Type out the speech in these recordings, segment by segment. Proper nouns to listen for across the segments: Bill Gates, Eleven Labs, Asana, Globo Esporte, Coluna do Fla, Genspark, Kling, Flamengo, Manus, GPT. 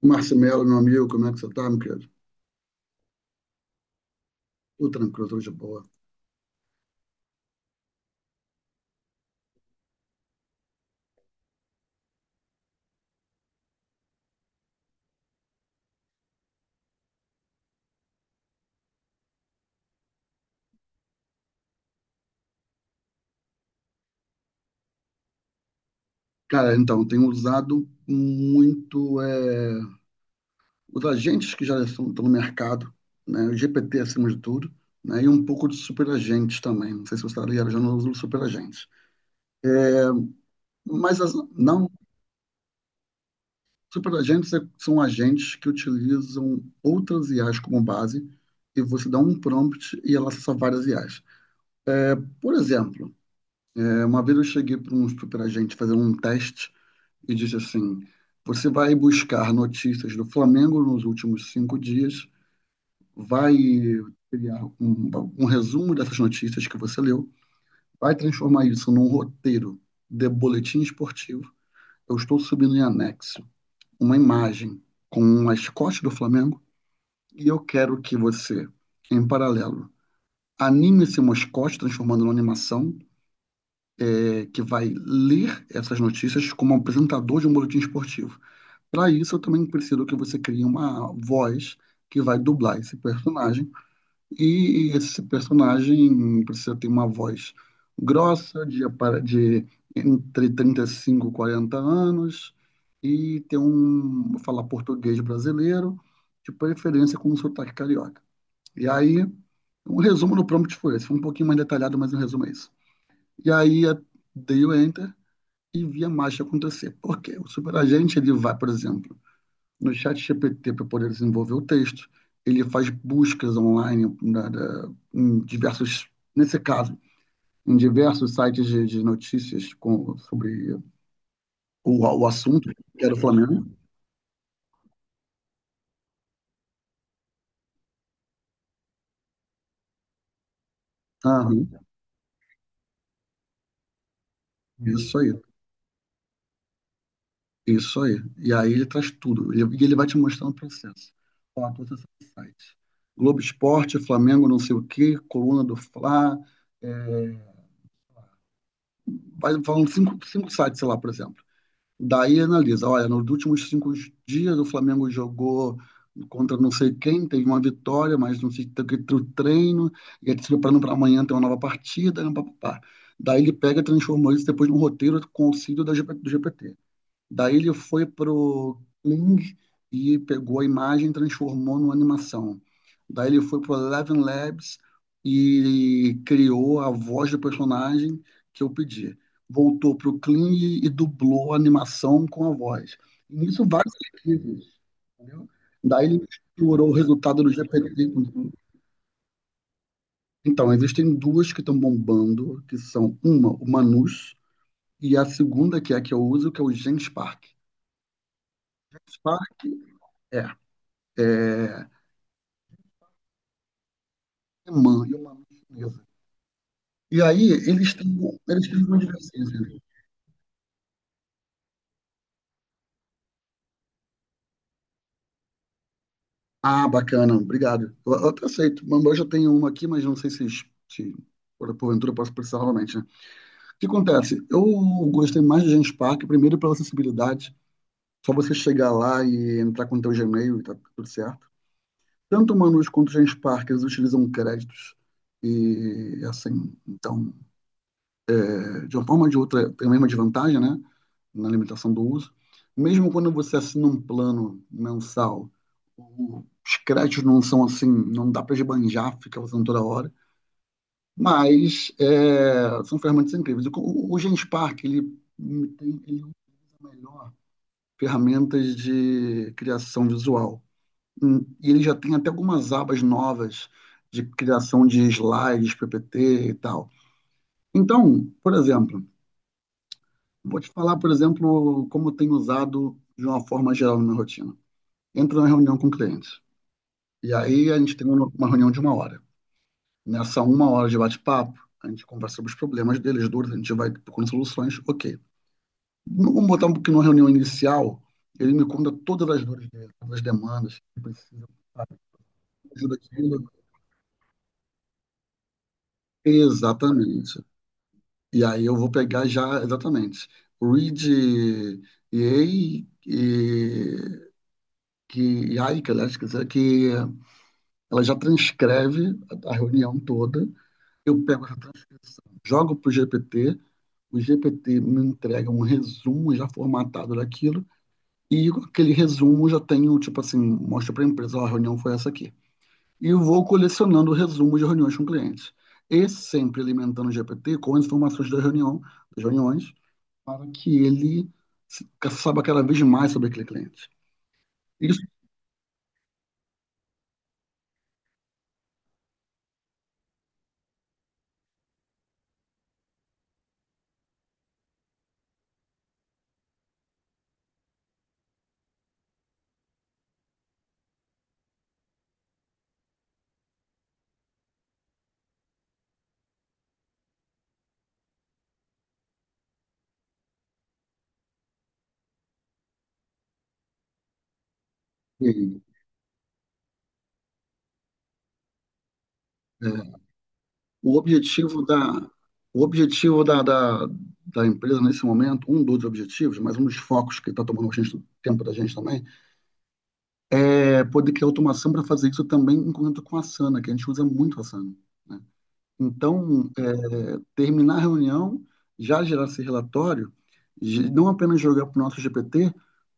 Marcelo, meu amigo, como é que você tá, meu querido? Tudo tranquilo, tudo de boa. Cara, então, tenho usado muito os agentes que já estão no mercado, né? O GPT acima de tudo, né? E um pouco de superagentes também. Não sei se você está ligado, eu já não uso superagentes. Mas não, superagentes são agentes que utilizam outras IAs como base e você dá um prompt e ela acessa várias IAs. Por exemplo, uma vez eu cheguei para um superagente fazer um teste e diz assim: Você vai buscar notícias do Flamengo nos últimos 5 dias, vai criar um resumo dessas notícias que você leu, vai transformar isso num roteiro de boletim esportivo. Eu estou subindo em anexo uma imagem com um mascote do Flamengo e eu quero que você, em paralelo, anime esse mascote transformando numa animação que vai ler essas notícias como apresentador de um boletim esportivo. Para isso, eu também preciso que você crie uma voz que vai dublar esse personagem. E esse personagem precisa ter uma voz grossa, de entre 35 e 40 anos, e ter um falar português brasileiro, de preferência com um sotaque carioca. E aí, um resumo do prompt foi esse. Foi um pouquinho mais detalhado, mas um resumo é isso. E aí, eu dei o enter e vi a marcha acontecer. Por quê? O superagente, ele vai, por exemplo, no chat GPT para poder desenvolver o texto. Ele faz buscas online em diversos, nesse caso, em diversos sites de notícias sobre o assunto que era o Flamengo. Aham, isso aí, isso aí. E aí ele traz tudo. E ele vai te mostrando o processo. Ó, todos esses sites. Globo Esporte, Flamengo, não sei o quê, Coluna do Fla, é, vai falando cinco sites, sei lá, por exemplo. Daí analisa, olha, nos últimos 5 dias o Flamengo jogou contra não sei quem, teve uma vitória, mas não sei, tem que ter o treino, e ele se preparando para amanhã ter uma nova partida, né, pá, pá, pá. Daí ele pega e transformou isso depois num roteiro com auxílio da GP do GPT. Daí ele foi pro Kling e pegou a imagem e transformou numa animação. Daí ele foi pro Eleven Labs e criou a voz do personagem que eu pedi. Voltou pro Kling e dublou a animação com a voz. Nisso vários arquivos, entendeu? Daí ele misturou o resultado do GPT com... Então, existem duas que estão bombando, que são uma, o Manus, e a segunda, que é a que eu uso, que é o Genspark. Genspark, é. É, alemã e uma chinesa. E aí eles têm uma divergência ali. Ah, bacana, obrigado. Eu até aceito. Mas eu já tenho uma aqui, mas não sei se porventura eu posso precisar novamente, né? O que acontece? Eu gostei mais de Gens Park, primeiro pela acessibilidade. Só você chegar lá e entrar com o teu Gmail e tá tudo certo. Tanto o Manus quanto o Gens Park, eles utilizam créditos. E assim, então, de uma forma ou de outra, tem a mesma desvantagem, né? Na limitação do uso. Mesmo quando você assina um plano mensal, os créditos não são assim, não dá para esbanjar, fica usando toda hora, mas são ferramentas incríveis. O Genspark, ele utiliza melhor ferramentas de criação visual. E ele já tem até algumas abas novas de criação de slides, PPT e tal. Então, por exemplo, vou te falar, por exemplo, como eu tenho usado de uma forma geral na minha rotina. Entro na reunião com clientes. E aí a gente tem uma reunião de 1 hora. Nessa 1 hora de bate-papo, a gente conversa sobre os problemas deles, dores, a gente vai procurando soluções, ok. Vamos botar um pouquinho na reunião inicial, ele me conta todas as dores dele, todas as demandas que precisa, sabe? Ajuda aquilo. Exatamente. E aí eu vou pegar já, exatamente, read e EA e que Aika, aliás, quer dizer, que ela já transcreve a reunião toda. Eu pego essa transcrição, jogo para o GPT, o GPT me entrega um resumo já formatado daquilo, e com aquele resumo já tenho, tipo assim, mostra para a empresa, ó, a reunião foi essa aqui. E eu vou colecionando resumos de reuniões com clientes. E sempre alimentando o GPT com as informações da reunião, das reuniões, para que ele saiba cada vez mais sobre aquele cliente. Isso que, é, O objetivo da, o objetivo da empresa nesse momento, um dos objetivos, mas um dos focos que está tomando bastante tempo da gente também, é poder criar automação para fazer isso também em conjunto com a Asana, que a gente usa muito a Asana, né? Então, terminar a reunião, já gerar esse relatório, não apenas jogar para o nosso GPT,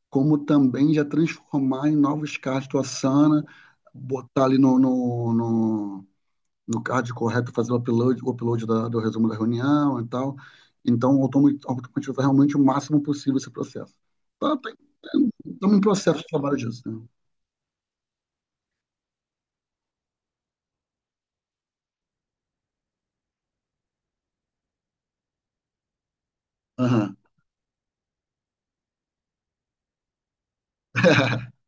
como também já transformar em novos casos do Asana, botar ali no CAD correto, fazer o upload do resumo da reunião e tal. Então, automatizar realmente o máximo possível esse processo. Tá, estamos em processo de trabalho disso, né? Aham.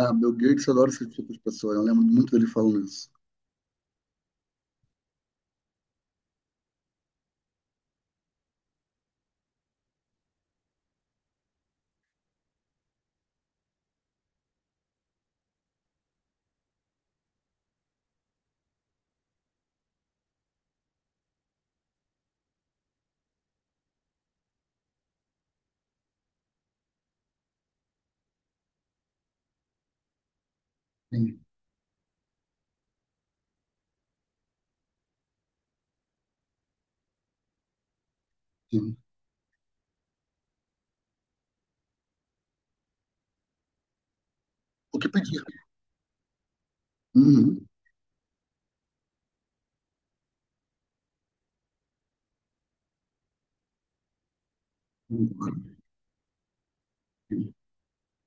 Ah, Bill Gates adora esse tipo de pessoa. Eu lembro muito dele falando isso. Sim, sim. O que pedir? Uhum.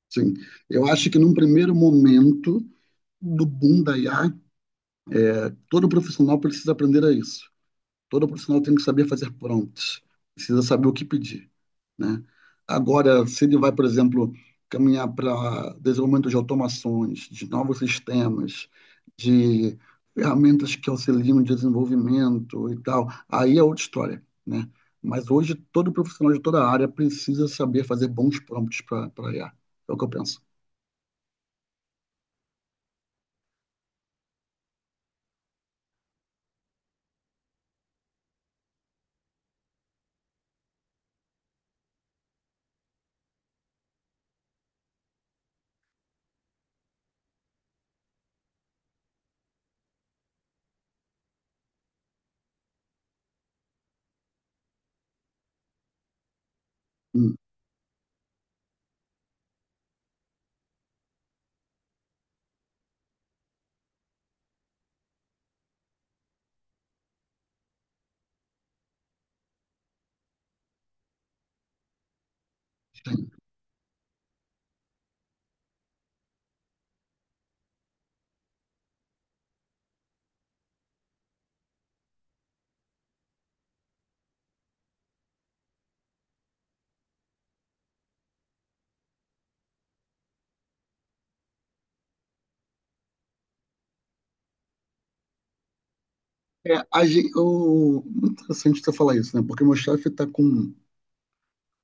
Sim. Eu acho que num primeiro momento do boom da IA, todo profissional precisa aprender a isso. Todo profissional tem que saber fazer prompts. Precisa saber o que pedir, né? Agora, se ele vai, por exemplo, caminhar para desenvolvimento de automações, de novos sistemas, de ferramentas que auxiliam o desenvolvimento e tal, aí é outra história, né? Mas hoje todo profissional de toda a área precisa saber fazer bons prompts para IA. É o que eu penso. Hum, sim. É, muito interessante você falar isso, né? Porque meu chefe está com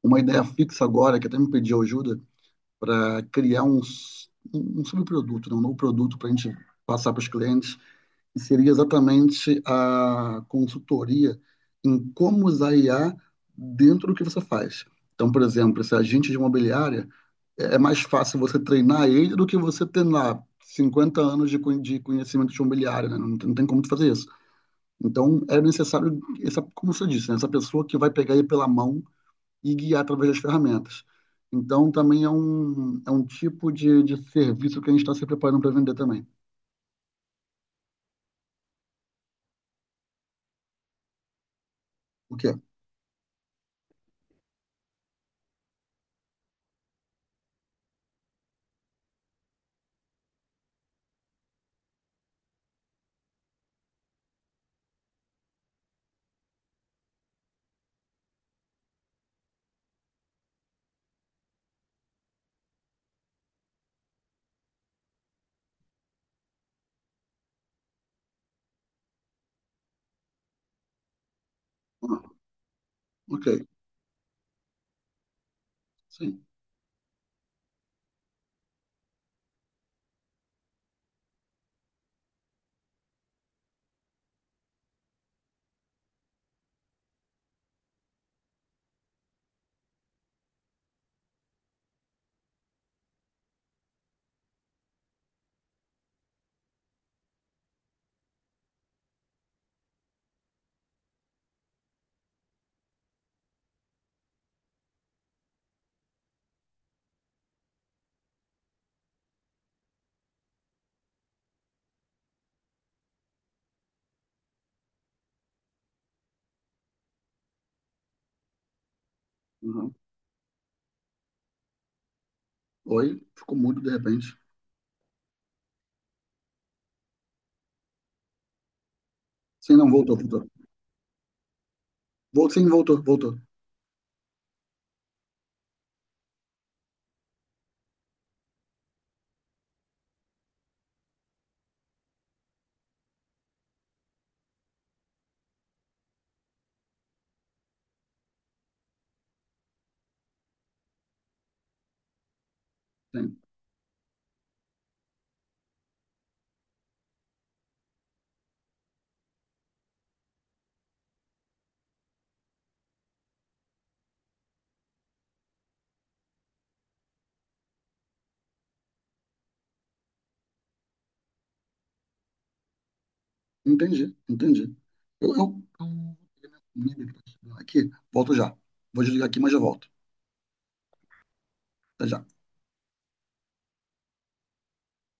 uma ideia fixa agora, que até me pediu ajuda, para criar um subproduto, né, um novo produto para a gente passar para os clientes, que seria exatamente a consultoria em como usar IA dentro do que você faz. Então, por exemplo, esse agente de imobiliária, é mais fácil você treinar ele do que você ter lá 50 anos de conhecimento de imobiliária, né? Não, não tem como tu fazer isso. Então, é necessário, como você disse, né? Essa pessoa que vai pegar ele pela mão e guiar através das ferramentas. Então, também é um tipo de serviço que a gente está se preparando para vender também. O quê? Ah, ok, sim. Uhum. Oi, ficou mudo de repente. Sim, não, voltou, voltou. Sim, voltou, voltou. Sim. Entendi, entendi. Eu, eu... Aqui, volto já. Vou desligar aqui, mas já volto. Até já.